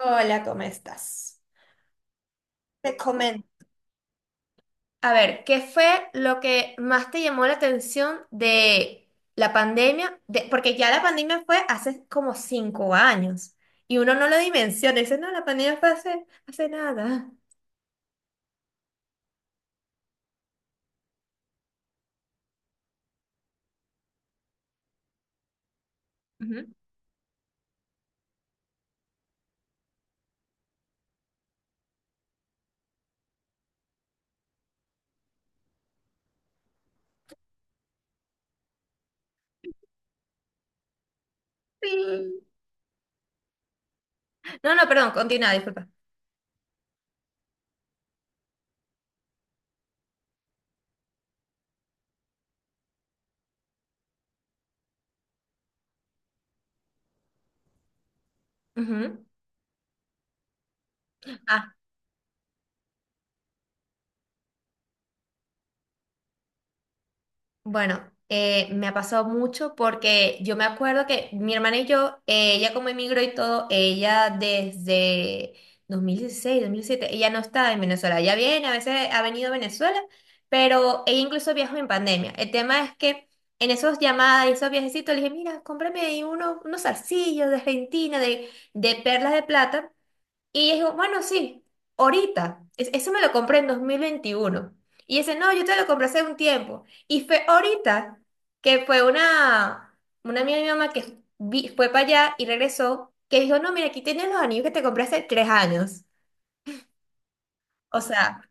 Hola, ¿cómo estás? Te comento. A ver, ¿qué fue lo que más te llamó la atención de la pandemia? Porque ya la pandemia fue hace como 5 años y uno no lo dimensiona. Dice, no, la pandemia fue hace nada. Ujú. Sí. No, no, perdón, continúa, disculpa. Ujú. Ah, Bueno, me ha pasado mucho porque yo me acuerdo que mi hermana y yo, ella como emigró y todo, ella desde 2016, dos mil 2007, ella no está en Venezuela, ella viene, a veces ha venido a Venezuela, pero ella incluso viajó en pandemia. El tema es que en esos llamadas y esos viajecitos le dije, mira, cómprame ahí unos zarcillos de Argentina, de perlas de plata. Y dijo, bueno, sí, ahorita. Eso me lo compré en 2021. Y dice, no, yo te lo compré hace un tiempo. Y fue ahorita que fue una amiga de mi mamá que fue para allá y regresó, que dijo, no, mira, aquí tienes los anillos que te compré hace 3 años. O sea,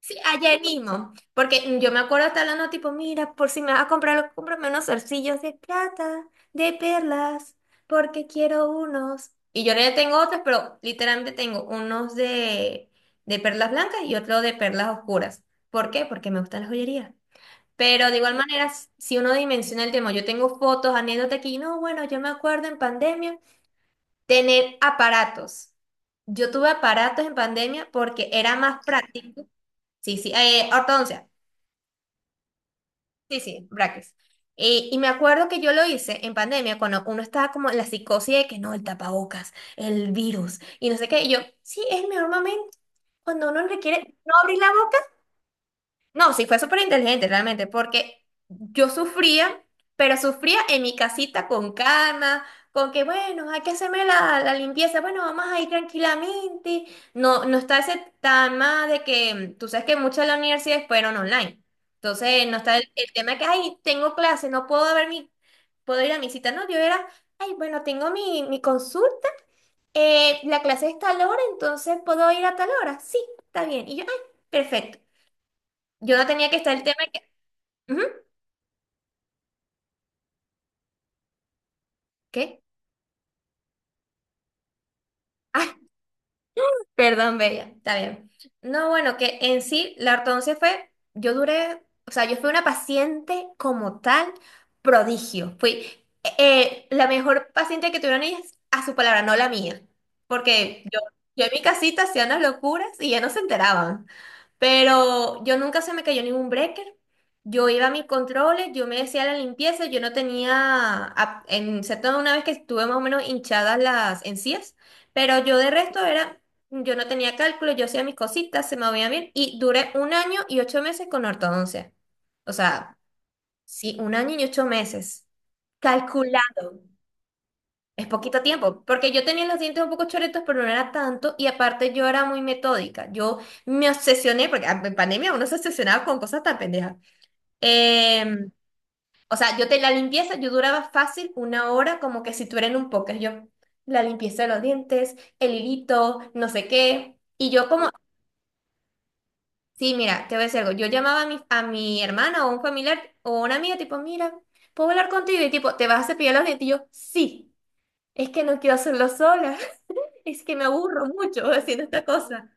sí, ayer mismo, porque yo me acuerdo estar hablando tipo, mira, por si me vas a comprar algo, cómprame unos zarcillos de plata, de perlas, porque quiero unos. Y yo ya tengo otros, pero literalmente tengo unos de perlas blancas y otro de perlas oscuras. ¿Por qué? Porque me gustan las joyerías. Pero de igual manera, si uno dimensiona el tema, yo tengo fotos, anécdotas aquí, no, bueno, yo me acuerdo en pandemia tener aparatos. Yo tuve aparatos en pandemia porque era más práctico. Sí, sí, ortodoncia. Sí, sí, brackets. Y me acuerdo que yo lo hice en pandemia, cuando uno estaba como en la psicosis de que no, el tapabocas, el virus, y no sé qué. Y yo, sí, es el mejor momento cuando uno requiere no abrir la boca. No, sí, fue súper inteligente realmente, porque yo sufría, pero sufría en mi casita con calma, con que, bueno, hay que hacerme la limpieza, bueno, vamos a ir tranquilamente. No, no está ese tema de que, tú sabes que muchas de las universidades fueron online. Entonces, no está el tema que, ay, tengo clase, no puedo ver mi, puedo ir a mi cita, no, yo era, ay, bueno, tengo mi consulta, la clase es tal hora, entonces puedo ir a tal hora. Sí, está bien. Y yo, ay, perfecto. Yo no tenía que estar el tema. Ujú. ¿Qué? Ah, perdón, Bella, está bien. No, bueno, que en sí la ortodoncia fue, yo duré, o sea, yo fui una paciente como tal, prodigio. Fui la mejor paciente que tuvieron ellas a su palabra, no la mía. Porque yo en mi casita hacía unas locuras y ya no se enteraban. Pero yo nunca se me cayó ningún breaker. Yo iba a mis controles, yo me decía la limpieza, yo no tenía, en excepto una vez que estuve más o menos hinchadas las encías, pero yo de resto era, yo no tenía cálculo, yo hacía mis cositas, se me veía bien, y duré un año y 8 meses con ortodoncia. O sea, sí, un año y 8 meses. Calculado. Es poquito tiempo, porque yo tenía los dientes un poco choretos, pero no era tanto, y aparte yo era muy metódica. Yo me obsesioné, porque ah, en pandemia uno se obsesionaba con cosas tan pendejas. Em, o sea, yo te la limpieza, yo duraba fácil una hora, como que si tú eres en un póker. Yo, la limpieza de los dientes, el hilito, no sé qué. Y yo como, sí, mira, te voy a decir algo. Yo llamaba a mi hermana o un familiar o una amiga, tipo, mira, ¿puedo hablar contigo? Y tipo, ¿te vas a cepillar los dientes? Y yo, sí, es que no quiero hacerlo sola. Es que me aburro mucho haciendo esta cosa.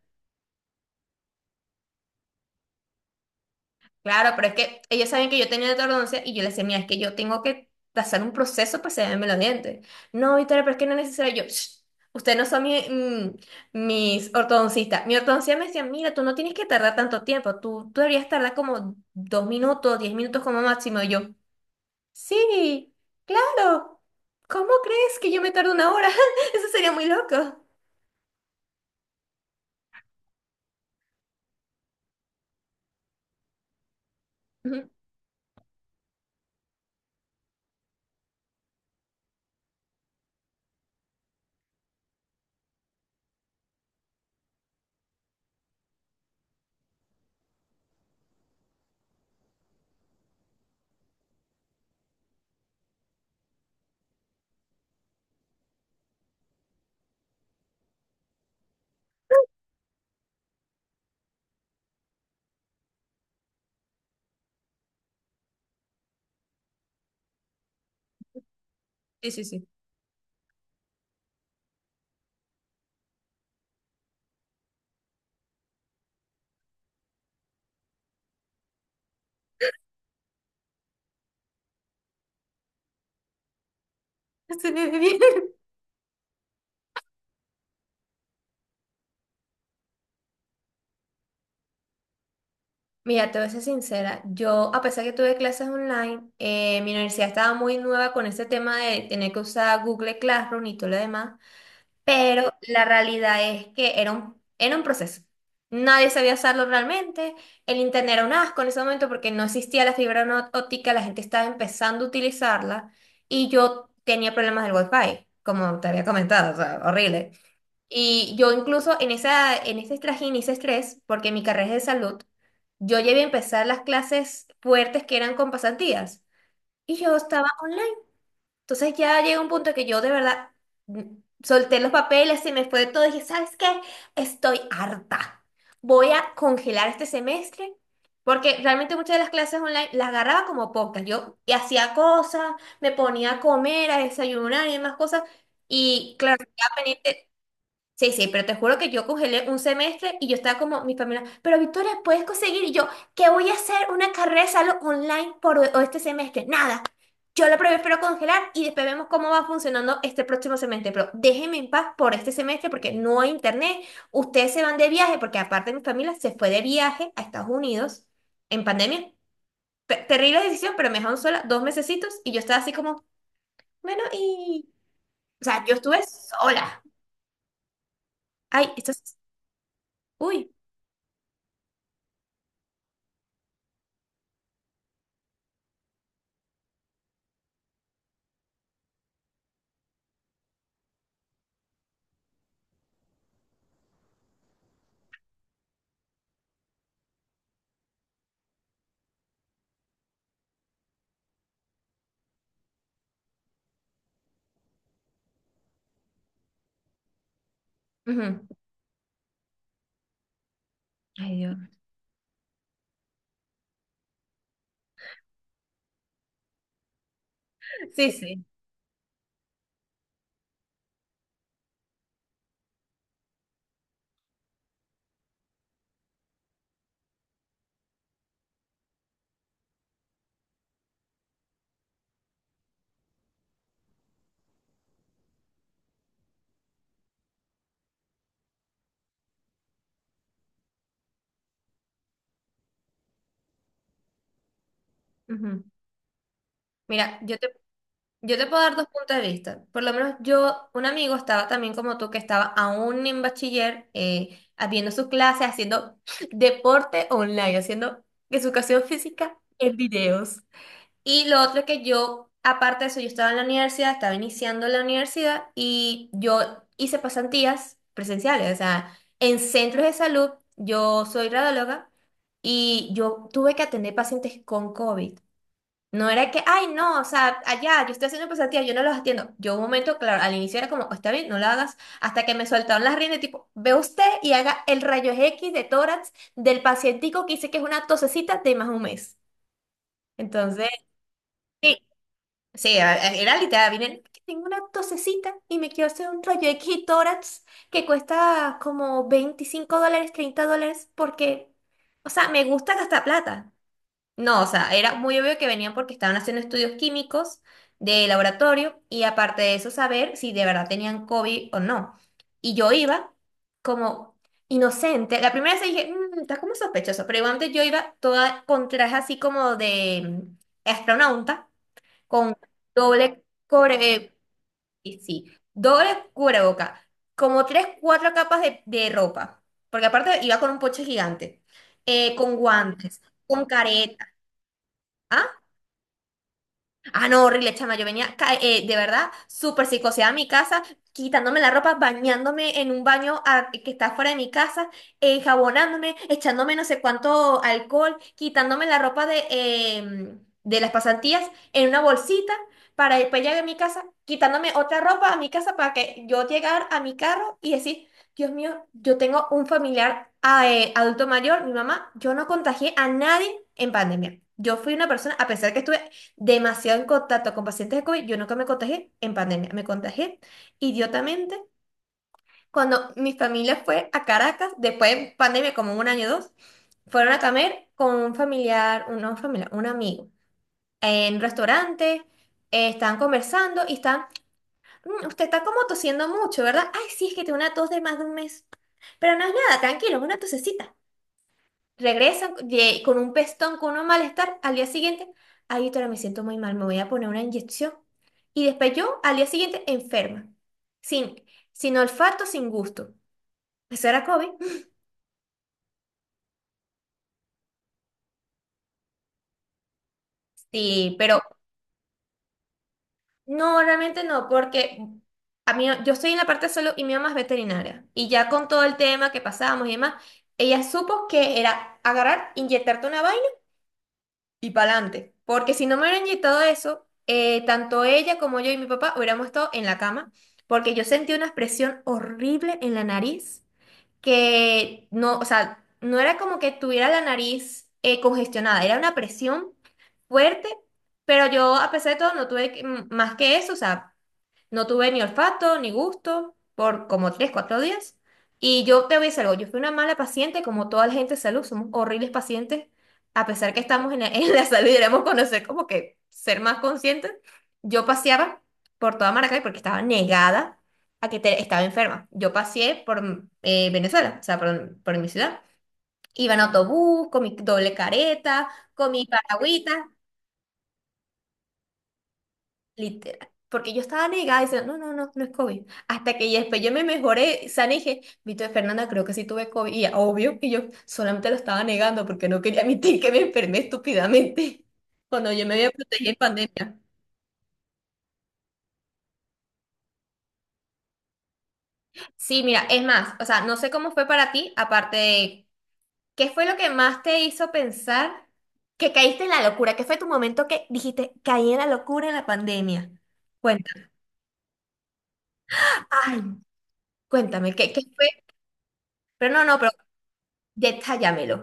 Claro, pero es que ellos saben que yo tenía ortodoncia y yo les decía, mira, es que yo tengo que pasar un proceso para hacerme los dientes. No, Victoria, pero es que no es necesario. Yo, "Shh, ustedes no son mis ortodoncistas". Mi ortodoncista me decía, mira, tú no tienes que tardar tanto tiempo. Tú deberías tardar como 2 minutos, 10 minutos como máximo. Y yo, sí, claro. ¿Cómo crees que yo me tardo una hora? Eso sería muy loco. Ujú. Sí, sí, sí. Mira, te voy a ser sincera, yo a pesar que tuve clases online, mi universidad estaba muy nueva con ese tema de tener que usar Google Classroom y todo lo demás, pero la realidad es que era un proceso. Nadie sabía usarlo realmente, el internet era un asco en ese momento porque no existía la fibra óptica, la gente estaba empezando a utilizarla y yo tenía problemas del wifi, como te había comentado, o sea, horrible. Y yo incluso en ese trajín, y ese estrés, porque mi carrera es de salud, yo llegué a empezar las clases fuertes que eran con pasantías y yo estaba online. Entonces ya llega un punto que yo de verdad mm, solté los papeles, se me fue de todo y dije, ¿sabes qué? Estoy harta. Voy a congelar este semestre porque realmente muchas de las clases online las agarraba como pocas. Yo y hacía cosas, me ponía a comer, a desayunar y demás cosas. Y claro, ya sí, sí, pero te juro que yo congelé un semestre y yo estaba como mi familia, pero Victoria, ¿puedes conseguir? Y yo, ¿qué voy a hacer? Una carrera de salud online por este semestre. Nada. Yo lo prefiero congelar y después vemos cómo va funcionando este próximo semestre. Pero déjenme en paz por este semestre porque no hay internet. Ustedes se van de viaje porque aparte mi familia se fue de viaje a Estados Unidos en pandemia. Terrible decisión, pero me dejaron sola dos mesecitos y yo estaba así como, bueno, y... O sea, yo estuve sola. Ay, esto es... Uy. Ujú. Ay, Dios. Sí, sí. Ujú. Mira, yo te puedo dar dos puntos de vista. Por lo menos yo, un amigo estaba también como tú, que estaba aún en bachiller, viendo sus clases, haciendo deporte online, haciendo educación física en videos. Y lo otro es que yo, aparte de eso, yo estaba en la universidad, estaba iniciando la universidad y yo hice pasantías presenciales, o sea, en centros de salud, yo soy radióloga y yo tuve que atender pacientes con COVID. No era que, ay, no, o sea, allá, yo estoy haciendo pasantías, yo no los atiendo. Yo un momento, claro, al inicio era como, está bien, no lo hagas, hasta que me soltaron las riendas, tipo, ve usted y haga el rayo X de tórax del pacientico que dice que es una tosecita de más un mes. Entonces, sí, sí, era literal, vine, que tengo una tosecita y me quiero hacer un rayo X de tórax que cuesta como $25, $30, porque, o sea, me gusta gastar plata. No, o sea, era muy obvio que venían porque estaban haciendo estudios químicos de laboratorio y aparte de eso saber si de verdad tenían COVID o no. Y yo iba como inocente. La primera vez dije, "Mm, estás como sospechoso", pero igualmente yo iba toda con traje así como de astronauta, con doble cubre, y sí, doble cubreboca, como tres, cuatro capas de ropa, porque aparte iba con un poche gigante, con guantes, con careta. Ah, no, horrible, chama. Yo venía, de verdad, súper psicoseada a mi casa, quitándome la ropa, bañándome en un baño que está fuera de mi casa, jabonándome, echándome no sé cuánto alcohol, quitándome la ropa de las pasantías en una bolsita para después llegar a mi casa, quitándome otra ropa a mi casa para que yo llegara a mi carro y decir, Dios mío, yo tengo un familiar ah, adulto mayor, mi mamá, yo no contagié a nadie en pandemia. Yo fui una persona, a pesar que estuve demasiado en contacto con pacientes de COVID. Yo nunca me contagié en pandemia, me contagié idiotamente cuando mi familia fue a Caracas, después de pandemia, como un año o dos, fueron a comer con un familiar, un, no familiar, un amigo, en un restaurante, estaban conversando y están, "Mm, usted está como tosiendo mucho, ¿verdad?". Ay, sí, es que tengo una tos de más de un mes, pero no es nada, tranquilo, es una tosecita. Regresan con un pestón, con un malestar. Al día siguiente, ay, doctora, me siento muy mal, me voy a poner una inyección. Y después yo, al día siguiente, enferma. Sin, sin olfato, sin gusto. Eso era COVID. Sí, pero no, realmente no, porque a mí, yo estoy en la parte solo y mi mamá es veterinaria. Y ya con todo el tema que pasábamos y demás, ella supo que era agarrar, inyectarte una vaina y para adelante. Porque si no me hubieran inyectado eso, tanto ella como yo y mi papá hubiéramos estado en la cama, porque yo sentí una presión horrible en la nariz, que no, o sea, no era como que tuviera la nariz congestionada, era una presión fuerte, pero yo a pesar de todo no tuve que- m- más que eso, o sea, no tuve ni olfato ni gusto por como tres, cuatro días. Y yo te voy a decir algo, yo fui una mala paciente como toda la gente de salud, somos horribles pacientes, a pesar que estamos en la, en la salud y deberíamos conocer como que ser más conscientes. Yo paseaba por toda Maracay porque estaba negada estaba enferma. Yo paseé por Venezuela, o sea, por mi ciudad. Iba en autobús, con mi doble careta, con mi paraguita. Literal. Porque yo estaba negada diciendo, no, no, no, no es COVID. Hasta que ya después yo me mejoré, sana y dije, Vito Fernanda, creo que sí tuve COVID. Y ya, obvio que yo solamente lo estaba negando porque no quería admitir que me enfermé estúpidamente cuando yo me había protegido en pandemia. Sí, mira, es más, o sea, no sé cómo fue para ti, aparte de, ¿qué fue lo que más te hizo pensar que caíste en la locura? ¿Qué fue tu momento que dijiste, caí en la locura en la pandemia? Cuéntame, ay, cuéntame, qué fue? Pero no, no, pero detallámelo.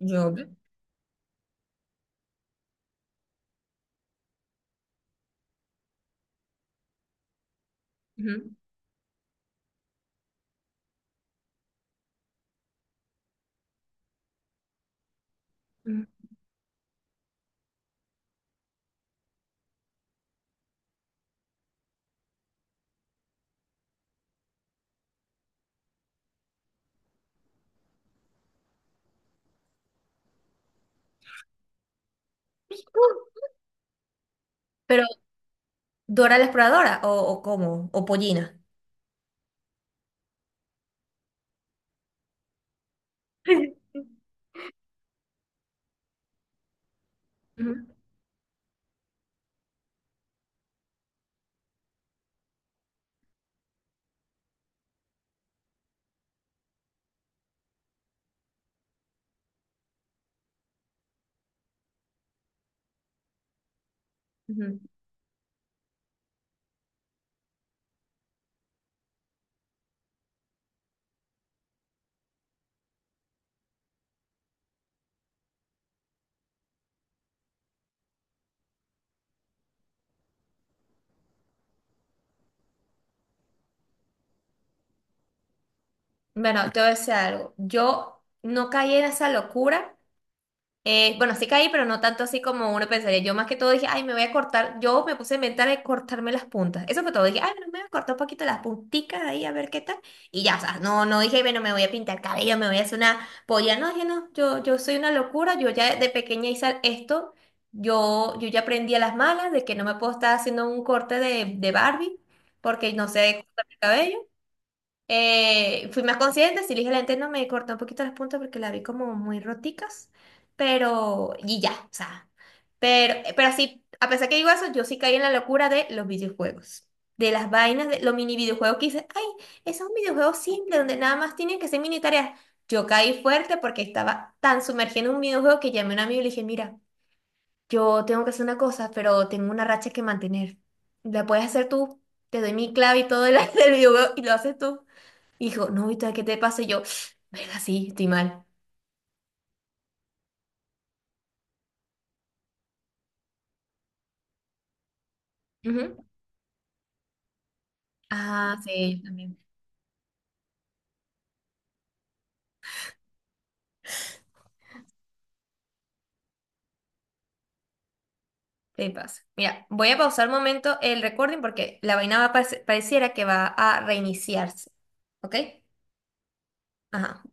Yo. Ujú. Mm. Pero, ¿Dora la exploradora o cómo? ¿O Pollina? Ujú, ujú. Bueno, te voy a decir algo. Yo no caí en esa locura. Bueno, sí caí, pero no tanto así como uno pensaría. Yo más que todo dije, ay, me voy a cortar. Yo me puse a inventar de cortarme las puntas. Eso fue todo. Dije, ay, bueno, me voy a cortar un poquito las punticas ahí a ver qué tal. Y ya, o sea, no, no dije, bueno, me voy a pintar el cabello, me voy a hacer una polla. No, dije, no, yo soy una locura. Yo ya de pequeña hice esto. Yo ya aprendí a las malas de que no me puedo estar haciendo un corte de Barbie porque no sé cortar el cabello. Fui más consciente, si dije la lente no me cortó un poquito las puntas porque la vi como muy roticas, pero y ya, o sea, pero sí, a pesar que digo eso, yo sí caí en la locura de los videojuegos, de las vainas, de los mini videojuegos que hice, ay, ese es un videojuego simple donde nada más tienen que ser mini tareas. Yo caí fuerte porque estaba tan sumergida en un videojuego que llamé a un amigo y le dije, mira, yo tengo que hacer una cosa, pero tengo una racha que mantener. La puedes hacer tú, te doy mi clave y todo el, del videojuego y lo haces tú. Hijo, no, ¿y tú qué te pasa? Y yo, venga, sí, estoy mal. Ujú. Ah, sí, yo también. Te pasa. Mira, voy a pausar un momento el recording porque la vaina va a pareciera que va a reiniciarse. ¿Ok? Ajá.